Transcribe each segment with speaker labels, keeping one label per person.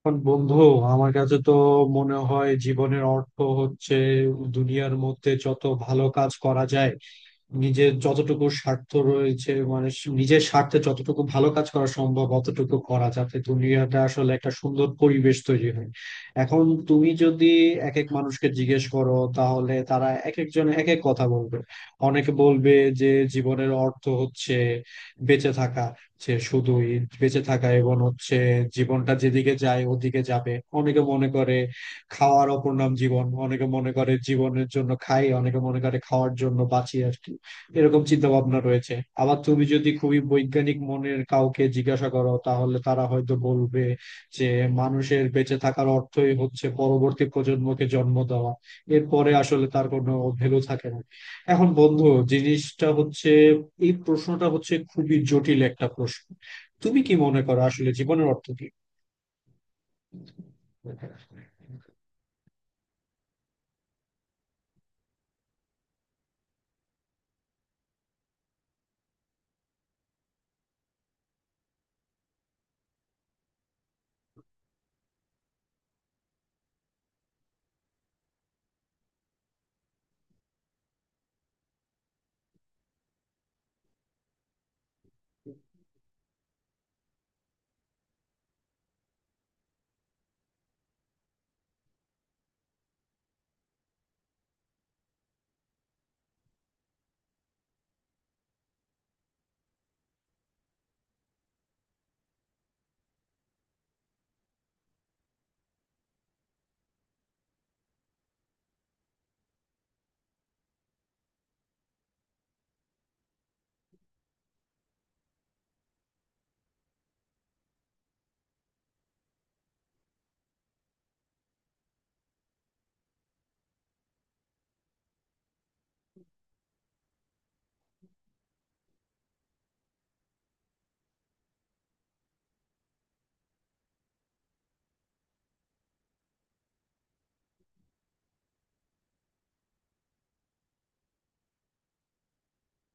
Speaker 1: এখন বন্ধু, আমার কাছে তো মনে হয় জীবনের অর্থ হচ্ছে দুনিয়ার মধ্যে যত ভালো কাজ করা যায়, নিজের যতটুকু স্বার্থ রয়েছে, মানে নিজের স্বার্থে যতটুকু ভালো কাজ করা সম্ভব অতটুকু করা, যাতে দুনিয়াটা আসলে একটা সুন্দর পরিবেশ তৈরি হয়। এখন তুমি যদি এক এক মানুষকে জিজ্ঞেস করো, তাহলে তারা এক একজন এক এক কথা বলবে। অনেকে বলবে যে জীবনের অর্থ হচ্ছে বেঁচে থাকা, যে শুধুই বেঁচে থাকা এবং হচ্ছে জীবনটা যেদিকে যায় ওদিকে যাবে। অনেকে মনে করে খাওয়ার অপর নাম জীবন, অনেকে মনে করে জীবনের জন্য খাই, অনেকে মনে করে খাওয়ার জন্য বাঁচি আর কি। এরকম চিন্তা ভাবনা রয়েছে। আবার তুমি যদি খুবই বৈজ্ঞানিক মনের কাউকে জিজ্ঞাসা করো, তাহলে তারা হয়তো বলবে যে মানুষের বেঁচে থাকার অর্থই হচ্ছে পরবর্তী প্রজন্মকে জন্ম দেওয়া, এরপরে আসলে তার কোনো ভ্যালু থাকে না। এখন বন্ধু, জিনিসটা হচ্ছে এই প্রশ্নটা হচ্ছে খুবই জটিল একটা প্রশ্ন। তুমি কি মনে করো আসলে জীবনের অর্থ কি?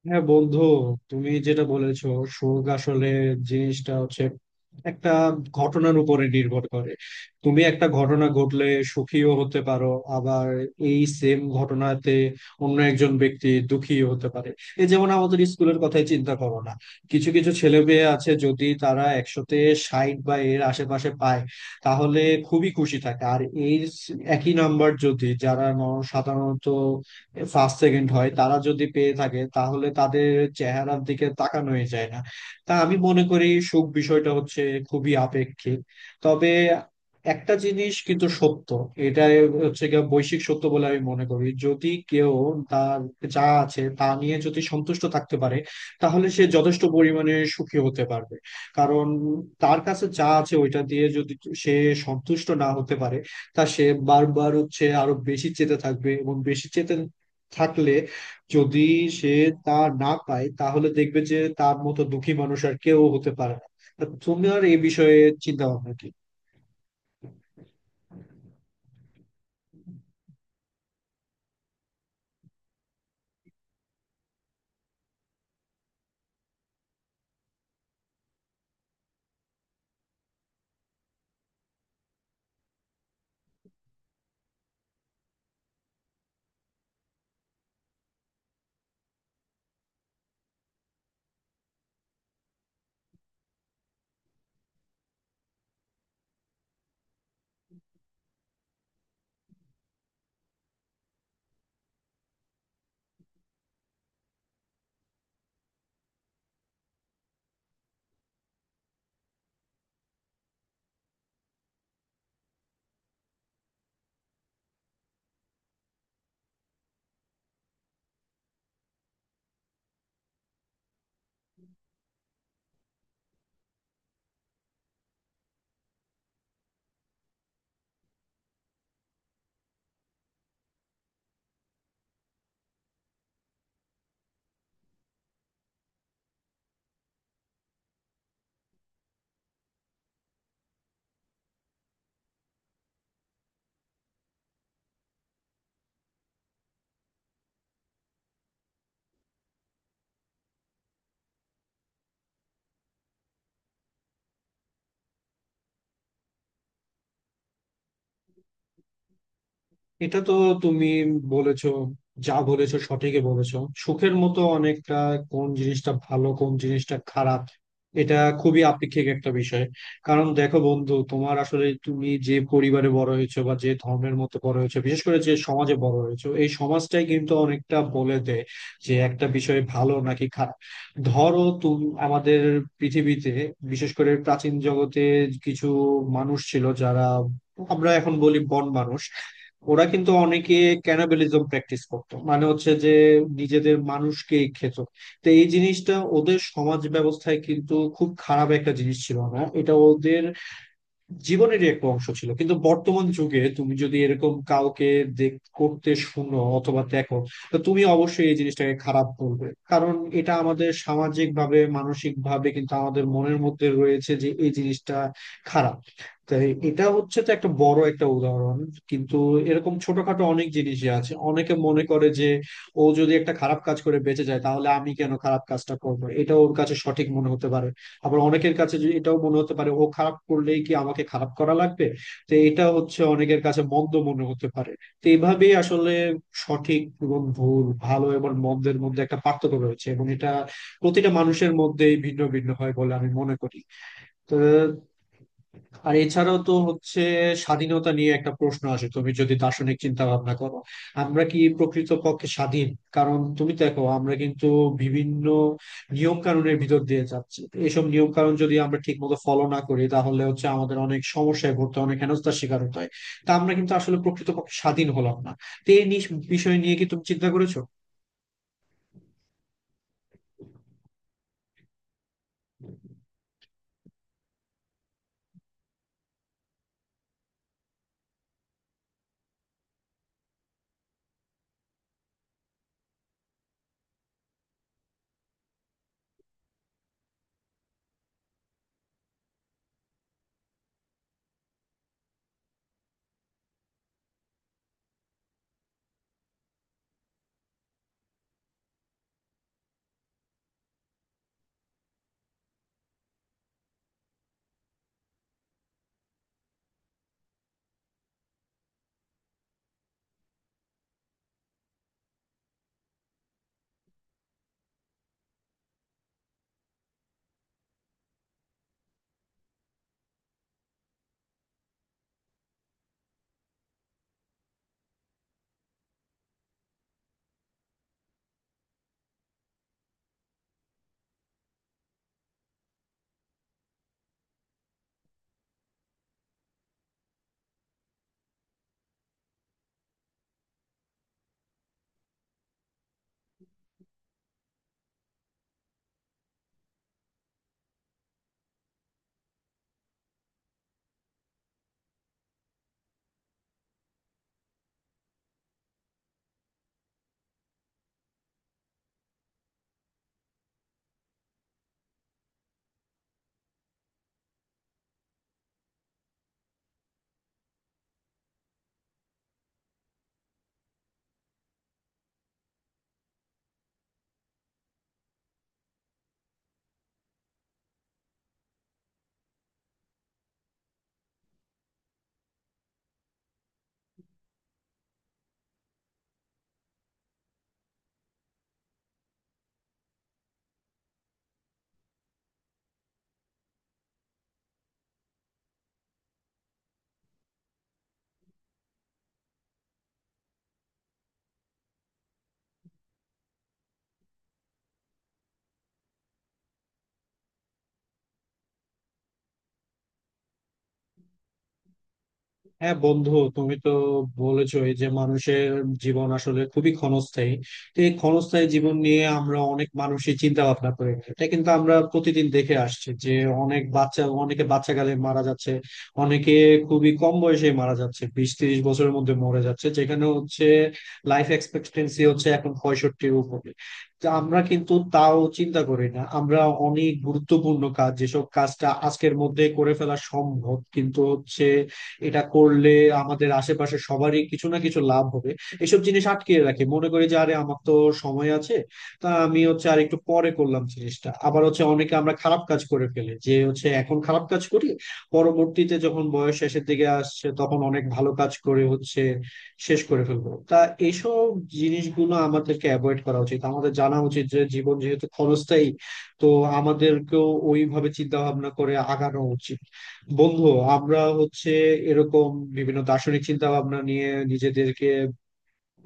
Speaker 1: হ্যাঁ বন্ধু, তুমি যেটা বলেছো, সুখ আসলে জিনিসটা হচ্ছে একটা ঘটনার উপরে নির্ভর করে। তুমি একটা ঘটনা ঘটলে সুখীও হতে পারো, আবার এই সেম ঘটনাতে অন্য একজন ব্যক্তি দুঃখীও হতে পারে। এই যেমন আমাদের স্কুলের কথাই চিন্তা করো না, কিছু কিছু ছেলে মেয়ে আছে যদি তারা 100তে 60 বা এর আশেপাশে পায় তাহলে খুবই খুশি থাকে। আর এই একই নাম্বার যদি যারা সাধারণত ফার্স্ট সেকেন্ড হয় তারা যদি পেয়ে থাকে, তাহলে তাদের চেহারার দিকে তাকানোই যায় না। তা আমি মনে করি সুখ বিষয়টা হচ্ছে খুবই আপেক্ষিক। তবে একটা জিনিস কিন্তু সত্য, এটা হচ্ছে গিয়ে বৈশ্বিক সত্য বলে আমি মনে করি, যদি কেউ তার যা আছে তা নিয়ে যদি সন্তুষ্ট থাকতে পারে, তাহলে সে যথেষ্ট পরিমাণে সুখী হতে পারবে। কারণ তার কাছে যা আছে ওইটা দিয়ে যদি সে সন্তুষ্ট না হতে পারে, তা সে বারবার হচ্ছে আরো বেশি চেতে থাকবে, এবং বেশি চেতে থাকলে যদি সে তা না পায়, তাহলে দেখবে যে তার মতো দুঃখী মানুষ আর কেউ হতে পারে না। তা তোমার এই বিষয়ে চিন্তা ভাবনা কি? এটা তো তুমি বলেছো, যা বলেছো সঠিকই বলেছো। সুখের মতো অনেকটা, কোন জিনিসটা ভালো কোন জিনিসটা খারাপ, এটা খুবই আপেক্ষিক একটা বিষয়। কারণ দেখো বন্ধু, তোমার আসলে তুমি যে পরিবারে বড় হয়েছো, বা যে ধর্মের মতো বড় হয়েছো, বিশেষ করে যে সমাজে বড় হয়েছো, এই সমাজটাই কিন্তু অনেকটা বলে দেয় যে একটা বিষয় ভালো নাকি খারাপ। ধরো তুমি আমাদের পৃথিবীতে, বিশেষ করে প্রাচীন জগতে, কিছু মানুষ ছিল যারা, আমরা এখন বলি বন মানুষ, ওরা কিন্তু অনেকে ক্যানাবেলিজম প্র্যাকটিস করতো, মানে হচ্ছে যে নিজেদের মানুষকে খেত। তো এই জিনিসটা ওদের সমাজ ব্যবস্থায় কিন্তু খুব খারাপ একটা জিনিস ছিল না, এটা ওদের জীবনেরই একটা অংশ ছিল। কিন্তু বর্তমান যুগে তুমি যদি এরকম কাউকে দেখ করতে শুনো অথবা দেখো, তো তুমি অবশ্যই এই জিনিসটাকে খারাপ বলবে, কারণ এটা আমাদের সামাজিক ভাবে মানসিক ভাবে কিন্তু আমাদের মনের মধ্যে রয়েছে যে এই জিনিসটা খারাপ। তাই এটা হচ্ছে তো একটা বড় একটা উদাহরণ। কিন্তু এরকম ছোটখাটো অনেক জিনিসই আছে, অনেকে মনে করে যে ও যদি একটা খারাপ কাজ করে বেঁচে যায়, তাহলে আমি কেন খারাপ কাজটা করবো, এটা ওর কাছে সঠিক মনে হতে পারে। আবার অনেকের কাছে যে এটাও মনে হতে পারে, ও খারাপ করলেই কি আমাকে খারাপ করা লাগবে, তো এটা হচ্ছে অনেকের কাছে মন্দ মনে হতে পারে। তো এইভাবেই আসলে সঠিক এবং ভুল, ভালো এবং মন্দের মধ্যে একটা পার্থক্য রয়েছে, এবং এটা প্রতিটা মানুষের মধ্যেই ভিন্ন ভিন্ন হয় বলে আমি মনে করি। তো আর এছাড়াও তো হচ্ছে স্বাধীনতা নিয়ে একটা প্রশ্ন আসে, তুমি যদি দার্শনিক চিন্তা ভাবনা করো, আমরা কি প্রকৃত পক্ষে স্বাধীন? কারণ তুমি দেখো আমরা কিন্তু বিভিন্ন নিয়ম কানুনের ভিতর দিয়ে যাচ্ছি, এইসব নিয়ম কানুন যদি আমরা ঠিক মতো ফলো না করি, তাহলে হচ্ছে আমাদের অনেক সমস্যায় পড়তে হয়, অনেক হেনস্থার শিকার হতে হয়। তা আমরা কিন্তু আসলে প্রকৃত পক্ষে স্বাধীন হলাম না। তো এই বিষয় নিয়ে কি তুমি চিন্তা করেছো? হ্যাঁ বন্ধু, তুমি তো বলেছই যে মানুষের জীবন আসলে খুবই ক্ষণস্থায়ী। তো এই ক্ষণস্থায়ী জীবন নিয়ে আমরা অনেক মানুষই চিন্তা ভাবনা করে, এটা কিন্তু আমরা প্রতিদিন দেখে আসছি যে অনেক বাচ্চা, অনেকে বাচ্চা কালে মারা যাচ্ছে, অনেকে খুবই কম বয়সে মারা যাচ্ছে, 20-30 বছরের মধ্যে মরে যাচ্ছে, যেখানে হচ্ছে লাইফ এক্সপেক্টেন্সি হচ্ছে এখন 65-এর উপরে। তো আমরা কিন্তু তাও চিন্তা করি না। আমরা অনেক গুরুত্বপূর্ণ কাজ, যেসব কাজটা আজকের মধ্যে করে ফেলা সম্ভব, কিন্তু হচ্ছে এটা করলে আমাদের আশেপাশে সবারই কিছু না কিছু লাভ হবে, এসব জিনিস আটকে রাখে, মনে করি যে আরে আমার তো সময় আছে, তা আমি হচ্ছে আর একটু পরে করলাম জিনিসটা। আবার হচ্ছে অনেকে আমরা খারাপ কাজ করে ফেলে যে হচ্ছে এখন খারাপ কাজ করি, পরবর্তীতে যখন বয়স শেষের দিকে আসছে তখন অনেক ভালো কাজ করে হচ্ছে শেষ করে ফেলবো। তা এইসব জিনিসগুলো আমাদেরকে অ্যাভয়েড করা উচিত। আমাদের জানা উচিত যে জীবন যেহেতু ক্ষণস্থায়ী, তো আমাদেরকেও ওইভাবে চিন্তা ভাবনা করে আগানো উচিত। বন্ধু, আমরা হচ্ছে এরকম বিভিন্ন দার্শনিক চিন্তা ভাবনা নিয়ে নিজেদেরকে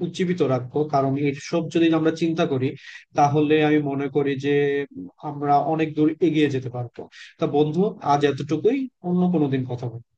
Speaker 1: উজ্জীবিত রাখবো, কারণ এইসব যদি আমরা চিন্তা করি, তাহলে আমি মনে করি যে আমরা অনেক দূর এগিয়ে যেতে পারবো। তা বন্ধু, আজ এতটুকুই, অন্য কোনো দিন কথা বলবো।